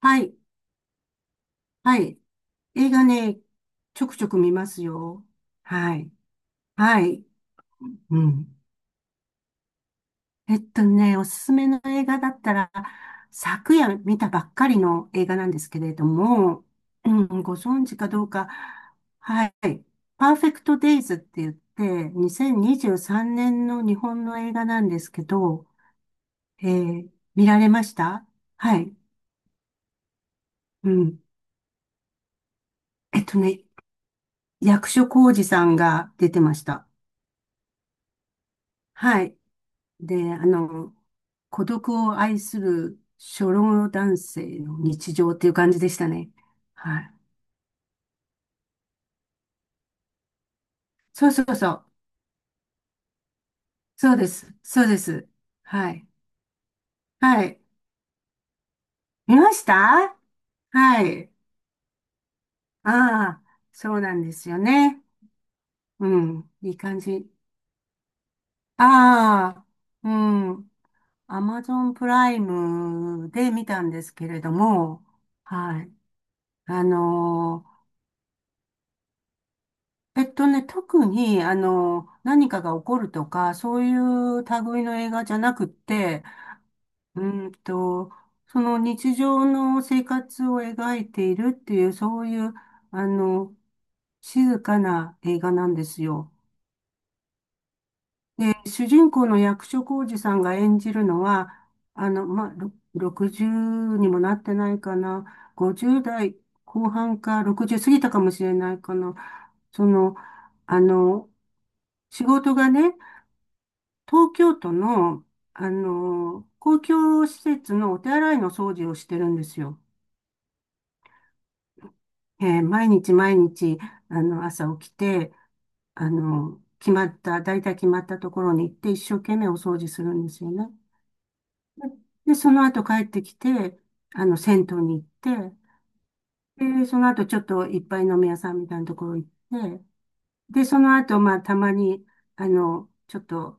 はい。はい。映画ね、ちょくちょく見ますよ。はい。はい。うん。おすすめの映画だったら、昨夜見たばっかりの映画なんですけれども、うん、ご存知かどうか、はい。パーフェクトデイズって言って、2023年の日本の映画なんですけど、えー見られました？はい。うん。えっとね、役所広司さんが出てました。はい。で、孤独を愛する初老男性の日常っていう感じでしたね。はい。そうそうそう。そうです。そうです。はい。はい。見ました？はい。ああ、そうなんですよね。うん。いい感じ。ああ、うん。アマゾンプライムで見たんですけれども、はい。あのー特に、何かが起こるとか、そういう類の映画じゃなくって、うーんと、その日常の生活を描いているっていう、そういう、あの、静かな映画なんですよ。で、主人公の役所広司さんが演じるのは、まあ、60にもなってないかな、50代後半か60過ぎたかもしれないかな、その、あの、仕事がね、東京都の、公共施設のお手洗いの掃除をしてるんですよ。毎日毎日、朝起きて、決まった、大体決まったところに行って一生懸命お掃除するんですよね。で、でその後帰ってきて、銭湯に行って、で、その後ちょっといっぱい飲み屋さんみたいなところ行って、で、その後、まあ、たまに、ちょっと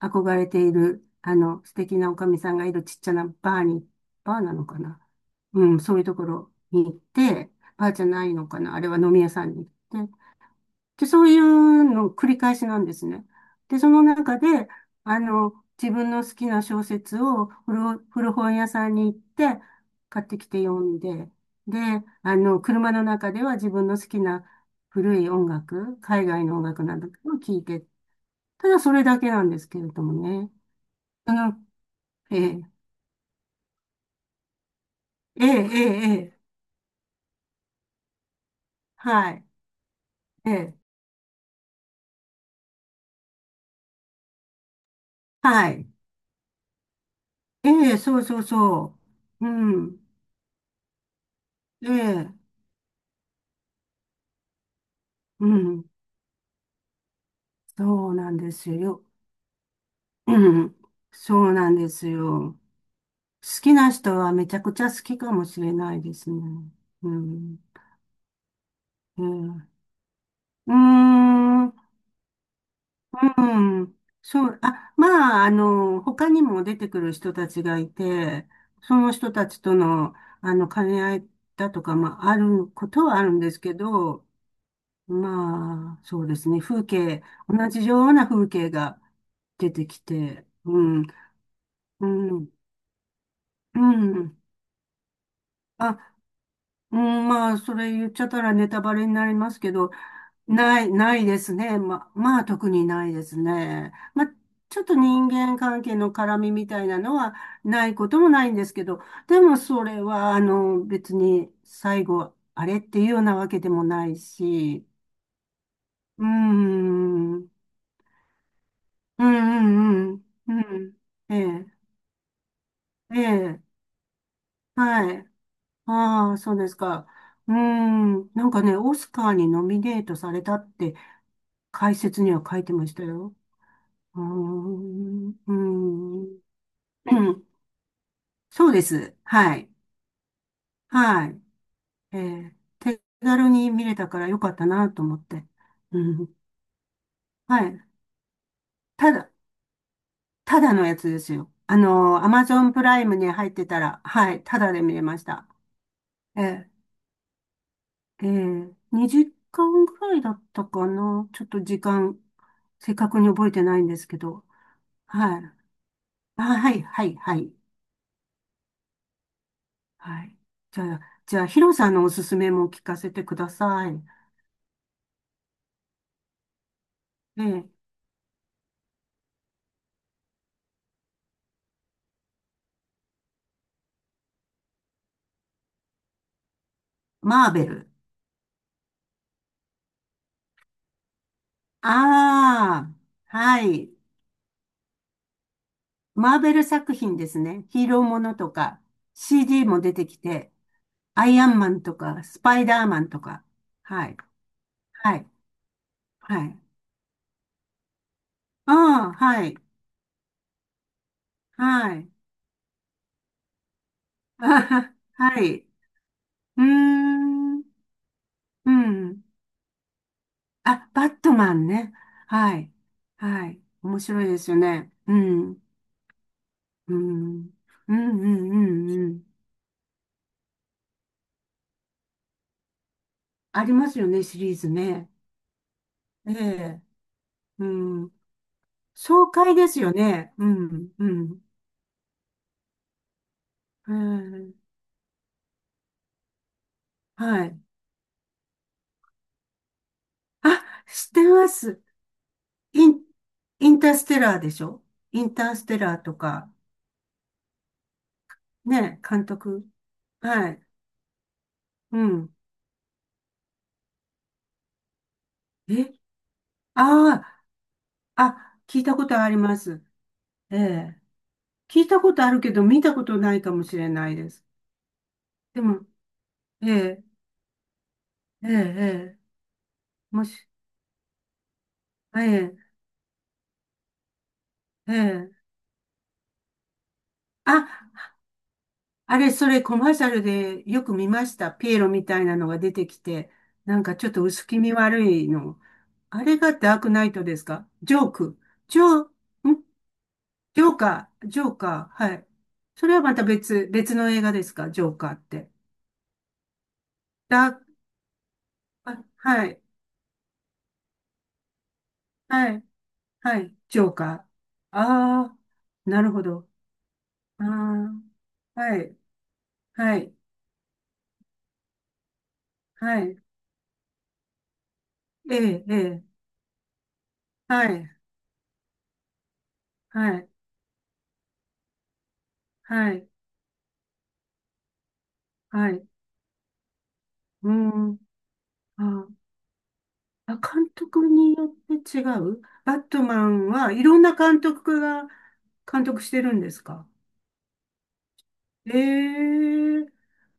憧れている、素敵なおかみさんがいるちっちゃなバーに、バーなのかな？うん、そういうところに行って、バーじゃないのかな？あれは飲み屋さんに行って、で、そういうの繰り返しなんですね。で、その中で、あの、自分の好きな小説を古本屋さんに行って買ってきて読んで、で、車の中では自分の好きな古い音楽、海外の音楽などを聴いて、ただそれだけなんですけれどもね。あの、ええ、ええ、ええ、ええ、はい、ええ、はい、ええ、そうそうそう、うん、ええ、うん。そうなんですよ。うん。そうなんですよ。好きな人はめちゃくちゃ好きかもしれないですね。うん。うん。うーん。うん。そう。あ、まあ、他にも出てくる人たちがいて、その人たちとの、兼ね合いだとか、まあ、あることはあるんですけど、まあ、そうですね。風景、同じような風景が出てきて、うん。うん。うん。あ、うん、まあ、それ言っちゃったらネタバレになりますけど、ないですね。まあ、特にないですね。まあ、ちょっと人間関係の絡みみたいなのはないこともないんですけど、でもそれは、別に最後、あれっていうようなわけでもないし、うん、うん、うん、うん、うん、ええ、ええ、はい。ああ、そうですか。うーん。なんかね、オスカーにノミネートされたって解説には書いてましたよ。うーん。うーん。うん、そうです。はい。はい。手軽に見れたからよかったなと思って。うん。はい。ただ、ただのやつですよ。アマゾンプライムに入ってたら、はい。ただで見れました。えーええ、2時間ぐらいだったかな。ちょっと時間、正確に覚えてないんですけど。はい。あ、はい、はい、はい。はい。じゃあ、じゃあ、ヒロさんのおすすめも聞かせてください。ええ、マーベル。ああ、はい。マーベル作品ですね。ヒーローものとか、CD も出てきて、アイアンマンとか、スパイダーマンとか。はい。はい。はい。ああ、はい。はい。あはは、はい。うーん。うん。あ、バットマンね。はい。はい。面白いですよね。うん。うん。うんうんうんうん。ありますよね、シリーズね。ええ。うん。爽快ですよね。うん。うん。うん、はい。あ、知ってます。イン、インターステラーでしょ？インターステラーとか。ね、監督。はい。うん。え、ああ、あ、聞いたことあります。ええ、聞いたことあるけど、見たことないかもしれないです。でも、ええ、ええ、ええ、もし、ええ、ええ。あ、あれ、それコマーシャルでよく見ました。ピエロみたいなのが出てきて、なんかちょっと薄気味悪いの。あれがダークナイトですか？ジョーク。ジョー、んジョーカー、ジョーカー、はい。それはまた別の映画ですか？ジョーカーって。ダーク、あ、はい、はい、はい、ジョーカー。ああ、なるほど。ああ、はい、はい、はい、ええ、ええ、はい、はい、はい、はい、うん、あ、あ監督によって違うバットマンはいろんな監督が監督してるんですか？ええ、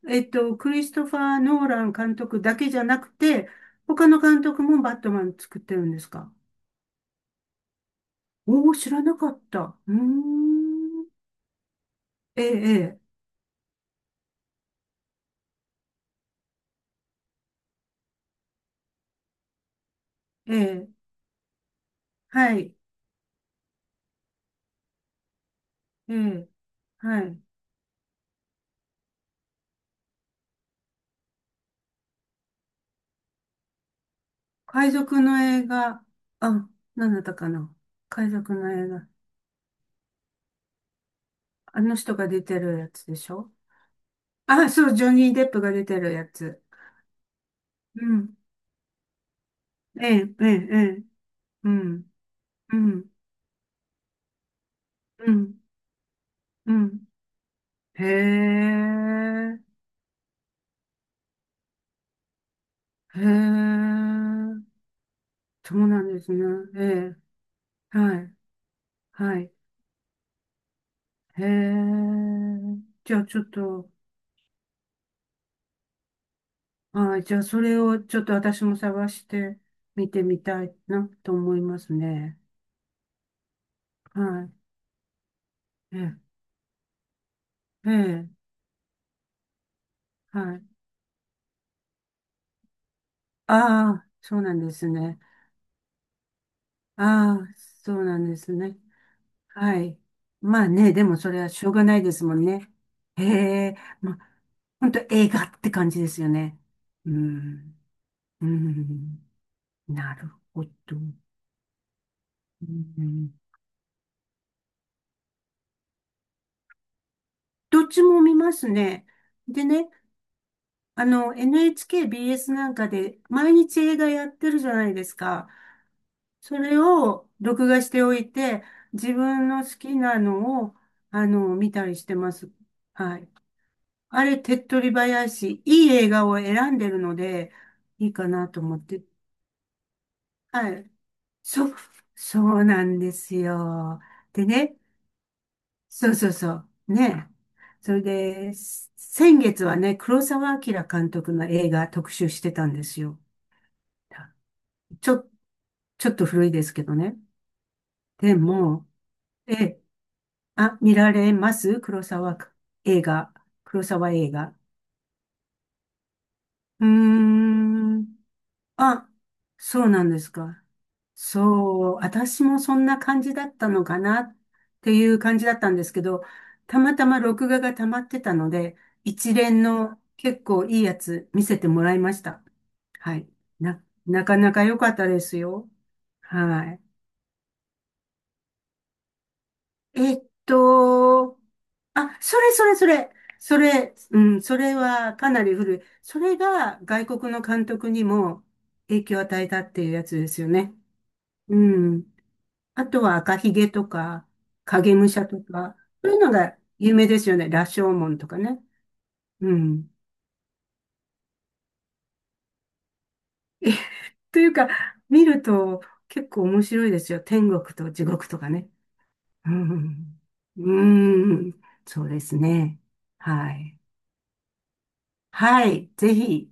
クリストファー・ノーラン監督だけじゃなくて、他の監督もバットマン作ってるんですか？おおー、知らなかった。うーん、ええ、ええ、ええ、はい、ええ、はい。海賊の映画、あ、何だったかな。海賊の映画。あの人が出てるやつでしょ？あ、そう、ジョニー・デップが出てるやつ。うん。ええ、ええ、ええ。うん、うん、うん、うん。へえ、へえ。そうなんですね。ええ、はい、はい。へえ。じゃあちょっと、はい、じゃあそれをちょっと私も探して見てみたいなと思いますね。はい。ええ、ええ、はい。ああ、そうなんですね。ああ、そうなんですね。はい。まあね、でもそれはしょうがないですもんね。ええ、まあ、ほんと映画って感じですよね。うん、うん、なるほど。うん、どっちも見ますね。でね、NHKBS なんかで毎日映画やってるじゃないですか。それを録画しておいて、自分の好きなのを、見たりしてます。はい。あれ、手っ取り早いし、いい映画を選んでるので、いいかなと思って。はい。そ、そうなんですよ。でね、そうそうそう。ね。それで、先月はね、黒澤明監督の映画特集してたんですよ。ちょっちょっと古いですけどね。でも、え、あ、見られます？黒沢映画。黒沢映画。うーん。あ、そうなんですか。そう、私もそんな感じだったのかなっていう感じだったんですけど、たまたま録画が溜まってたので、一連の結構いいやつ見せてもらいました。はい。なかなか良かったですよ。はい。えっと、あ、それそれそれ、それ、うん、それはかなり古い。それが外国の監督にも影響を与えたっていうやつですよね。うん。あとは赤ひげとか、影武者とか、そういうのが有名ですよね。羅生門とかね。うん。えというか、見ると結構面白いですよ。天国と地獄とかね。うん。うん。そうですね。はい。はい。ぜひ。